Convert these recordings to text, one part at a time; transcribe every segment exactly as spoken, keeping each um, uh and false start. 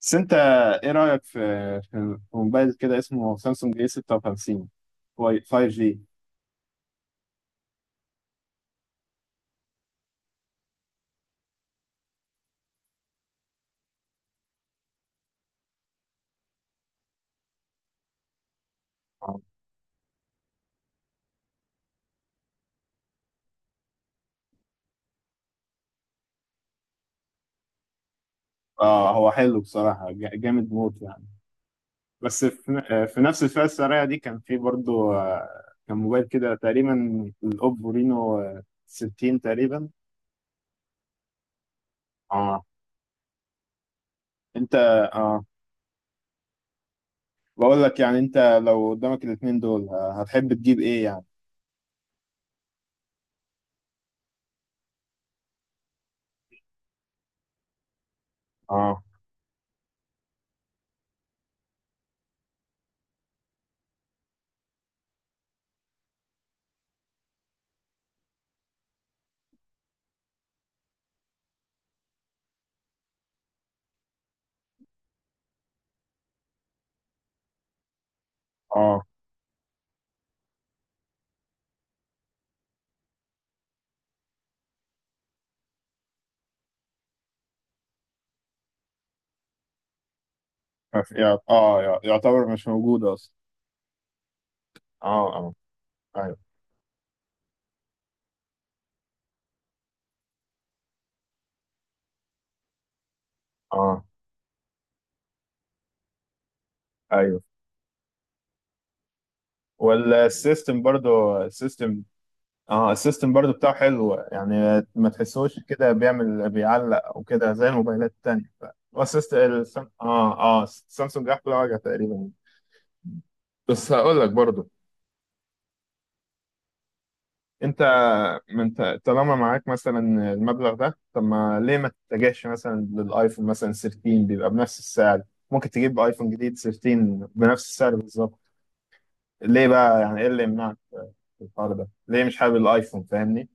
بس انت، ايه رأيك في في موبايل كده اسمه سامسونج اي ستة وخمسين فاي- فايف جي؟ اه، هو حلو بصراحة، جا- جامد موت يعني. بس في, في نفس الفئة السعرية دي كان في برضو، آه، كان موبايل كده تقريبا الاوبو رينو، آه، ستين تقريبا. اه. انت. اه، بقول لك يعني، انت لو قدامك الاتنين دول، آه، هتحب تجيب ايه يعني؟ اه. اه يع- اه يع- يعتبر مش موجود اصلا. اه، اه، ايوه، اه، ايوه. والسيستم برضو السيستم. اه، السيستم برضو بتاعه حلو يعني، ما تحسوش كده بيعمل بيعلق او كده زي الموبايلات التانية ف... هو السيستم السام... اه اه سامسونج احلى واجهة تقريبا. بس هقول لك برضو. انت. ما انت طالما معاك مثلا المبلغ ده، طب ما ليه ما تتجهش مثلا للايفون مثلا تلتاشر؟ بيبقى بنفس السعر. ممكن تجيب ايفون جديد ثلاثة عشر بنفس السعر بالظبط. ليه بقى؟ يعني ايه اللي يمنعك في الحوار ده؟ ليه مش حابب الايفون؟ فاهمني.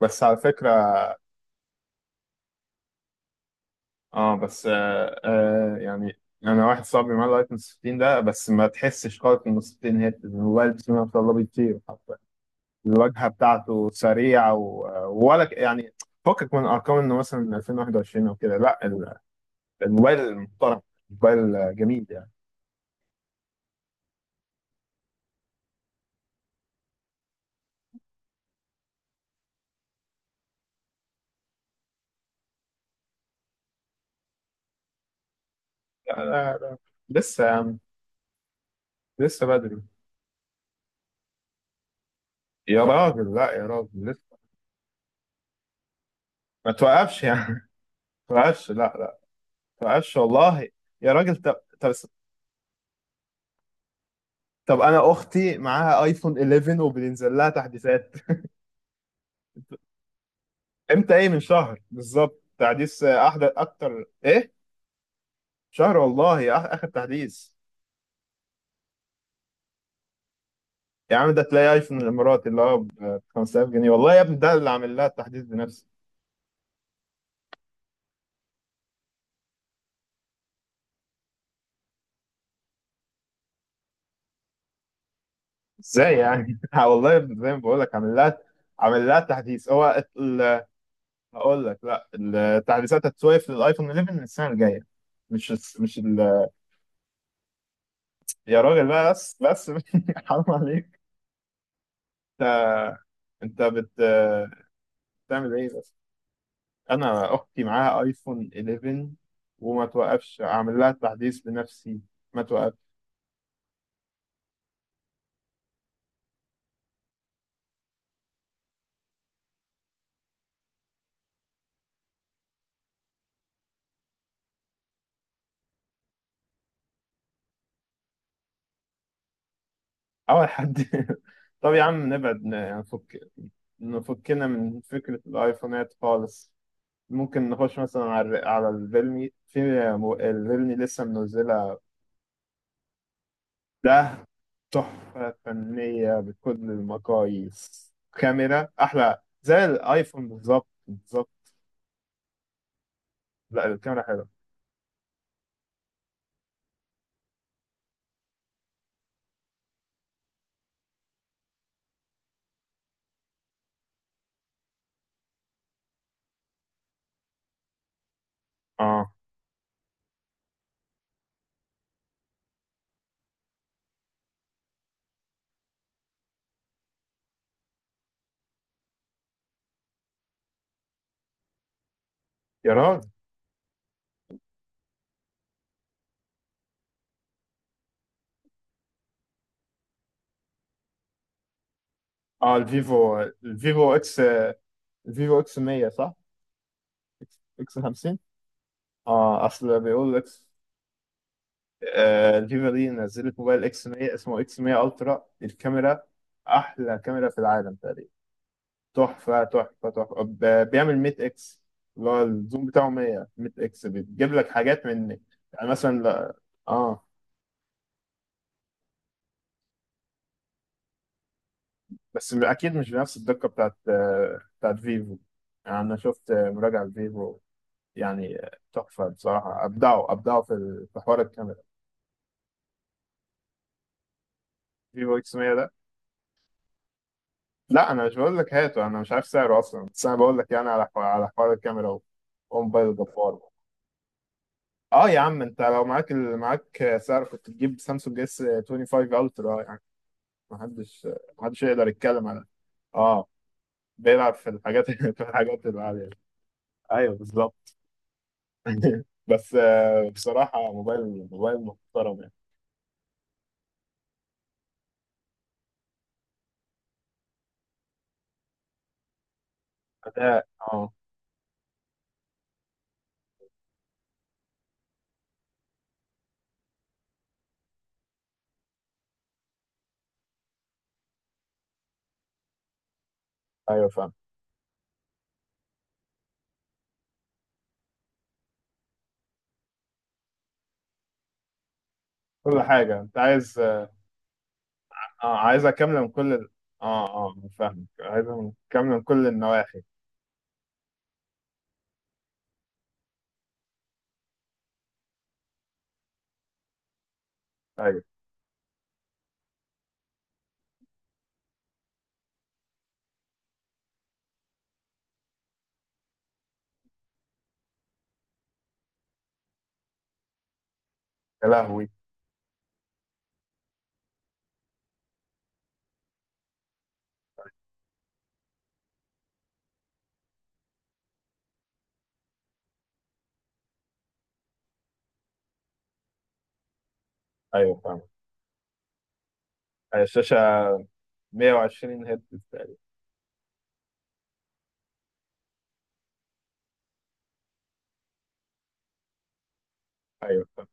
بس على فكرة. اه، بس آه آه يعني انا واحد صاحبي معاه الايفون ستاشر ده، بس ما تحسش خالص انه ستاشر هيرتز. الموبايل بسم الله ما شاء الله بيطير حرفيا. الواجهه بتاعته سريعه و... ولا ك- يعني فكك من ارقام انه مثلا ألفين وواحد وعشرين او كده. لا، ال- الموبايل محترم، موبايل جميل يعني. لا لا لا، لسه يا عم، لسه بدري. يا راجل لا، يا راجل لسه. ما توقفش يعني. ما توقفش، لا لا، ما توقفش والله. يا راجل طب، طب طب، انا اختي معاها ايفون حداشر وبينزل لها تحديثات. امتى ايه؟ من شهر بالظبط تحديث، آه، احدث، اكتر ايه؟ شهر والله، آخ- اخر تحديث. يا عم، ده تلاقي ايفون من الامارات اللي هو ب خمس تلاف جنيه، والله يا ابني، ده اللي عامل لها التحديث بنفسه. ازاي يعني؟ والله يا ابني زي ما بقول لك، عامل لها عامل لها تحديث هو ال- هقول لك لا، التحديثات هتسويف للايفون حداشر السنه الجايه. مش الس- مش ال... يا راجل بقى، بس بس، حرام عليك. انت. انت بت بتعمل ايه بس؟ انا اختي معاها ايفون حداشر وما توقفش، اعمل لها تحديث بنفسي، ما توقف. اول حد؟ طب يا عم نبعد، ن- نفك نفكنا من فكرة الايفونات خالص. ممكن نخش مثلا على الر- على الريلمي، في مو- الريلمي لسه منزلة. ده تحفة فنية بكل المقاييس، كاميرا احلى زي الايفون بالظبط بالظبط. لا، الكاميرا حلوة. اه، يا راجل. اه، الفيفو الفيفو اكس الفيفو اكس مية صح؟ اكس إكس خمسين. اه، اصل بيقول اكس. آه، الفيفو دي نزلت موبايل اكس مية اسمه اكس مية الترا، الكاميرا احلى كاميرا في العالم تقريبا. تحفه تحفه تحفه، ب- بيعمل مية اكس. اللي هو الزوم بتاعه مية، مية اكس، بتجيب لك حاجات من يعني مثلا لا- اه، بس اكيد مش بنفس الدقه بتاعت آه، بتاعت فيفو. يعني انا شفت مراجعه لفيفو، يعني تحفة بصراحة، أبدعوا أبدعوا في ال- في حوار الكاميرا. فيفو إكس مية ده؟ لا، أنا مش بقول لك هاته، أنا مش عارف سعره أصلا، بس أنا بقول لك يعني على حوار، على حوار الكاميرا. وموبايل جبار. أه يا عم، أنت لو معاك ال... معاك سعر، كنت تجيب سامسونج اس خمسة وعشرين الترا يعني. محدش محدش يقدر يتكلم على. أه، بيلعب في الحاجات في الحاجات العالية. أيوه بالظبط. بس آه، بصراحة، موبايل موبايل محترم يعني. أداء. أه، أيوه فاهم، كل حاجة أنت عايز. اه، عايزة كاملة من كل ال... اه اه فاهمك، عايزة من- كاملة من كل النواحي. ايوه. يا لهوي. ايوه فاهمك. هي الشاشة 120 هرتز تقريبا. ايوه فاهم.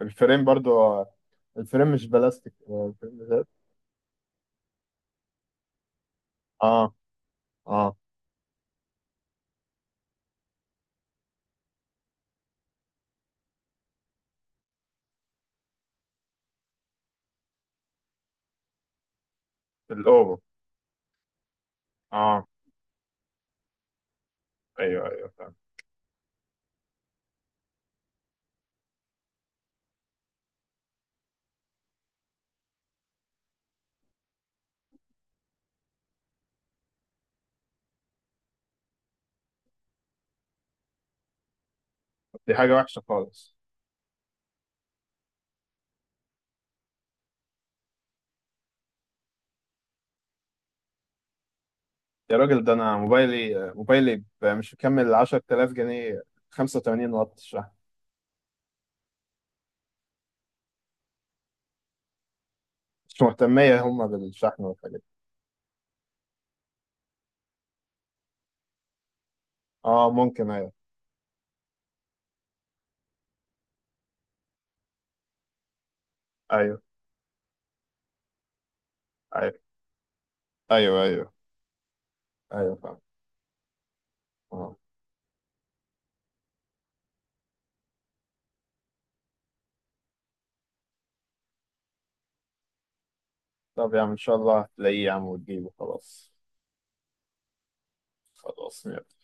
والفريم برضو، الفريم مش بلاستيك، هو الفريم ذات. اه. اه، الاوفر. اه، ايوه ايوه فاهم. دي حاجة وحشة خالص. يا راجل، ده انا موبايلي، موبايلي ب- مش مكمل عشرة آلاف جنيه، خمسة وتمانين واط شحن. مش مهتمية هما بالشحن والحاجات دي. اه، ممكن. ايوه ايوه ايوه، ايوه ايوه ايوه فاهم. اه. طب يا عم، ان شاء الله هتلاقيه يا عم وتجيبه. خلاص. خلاص.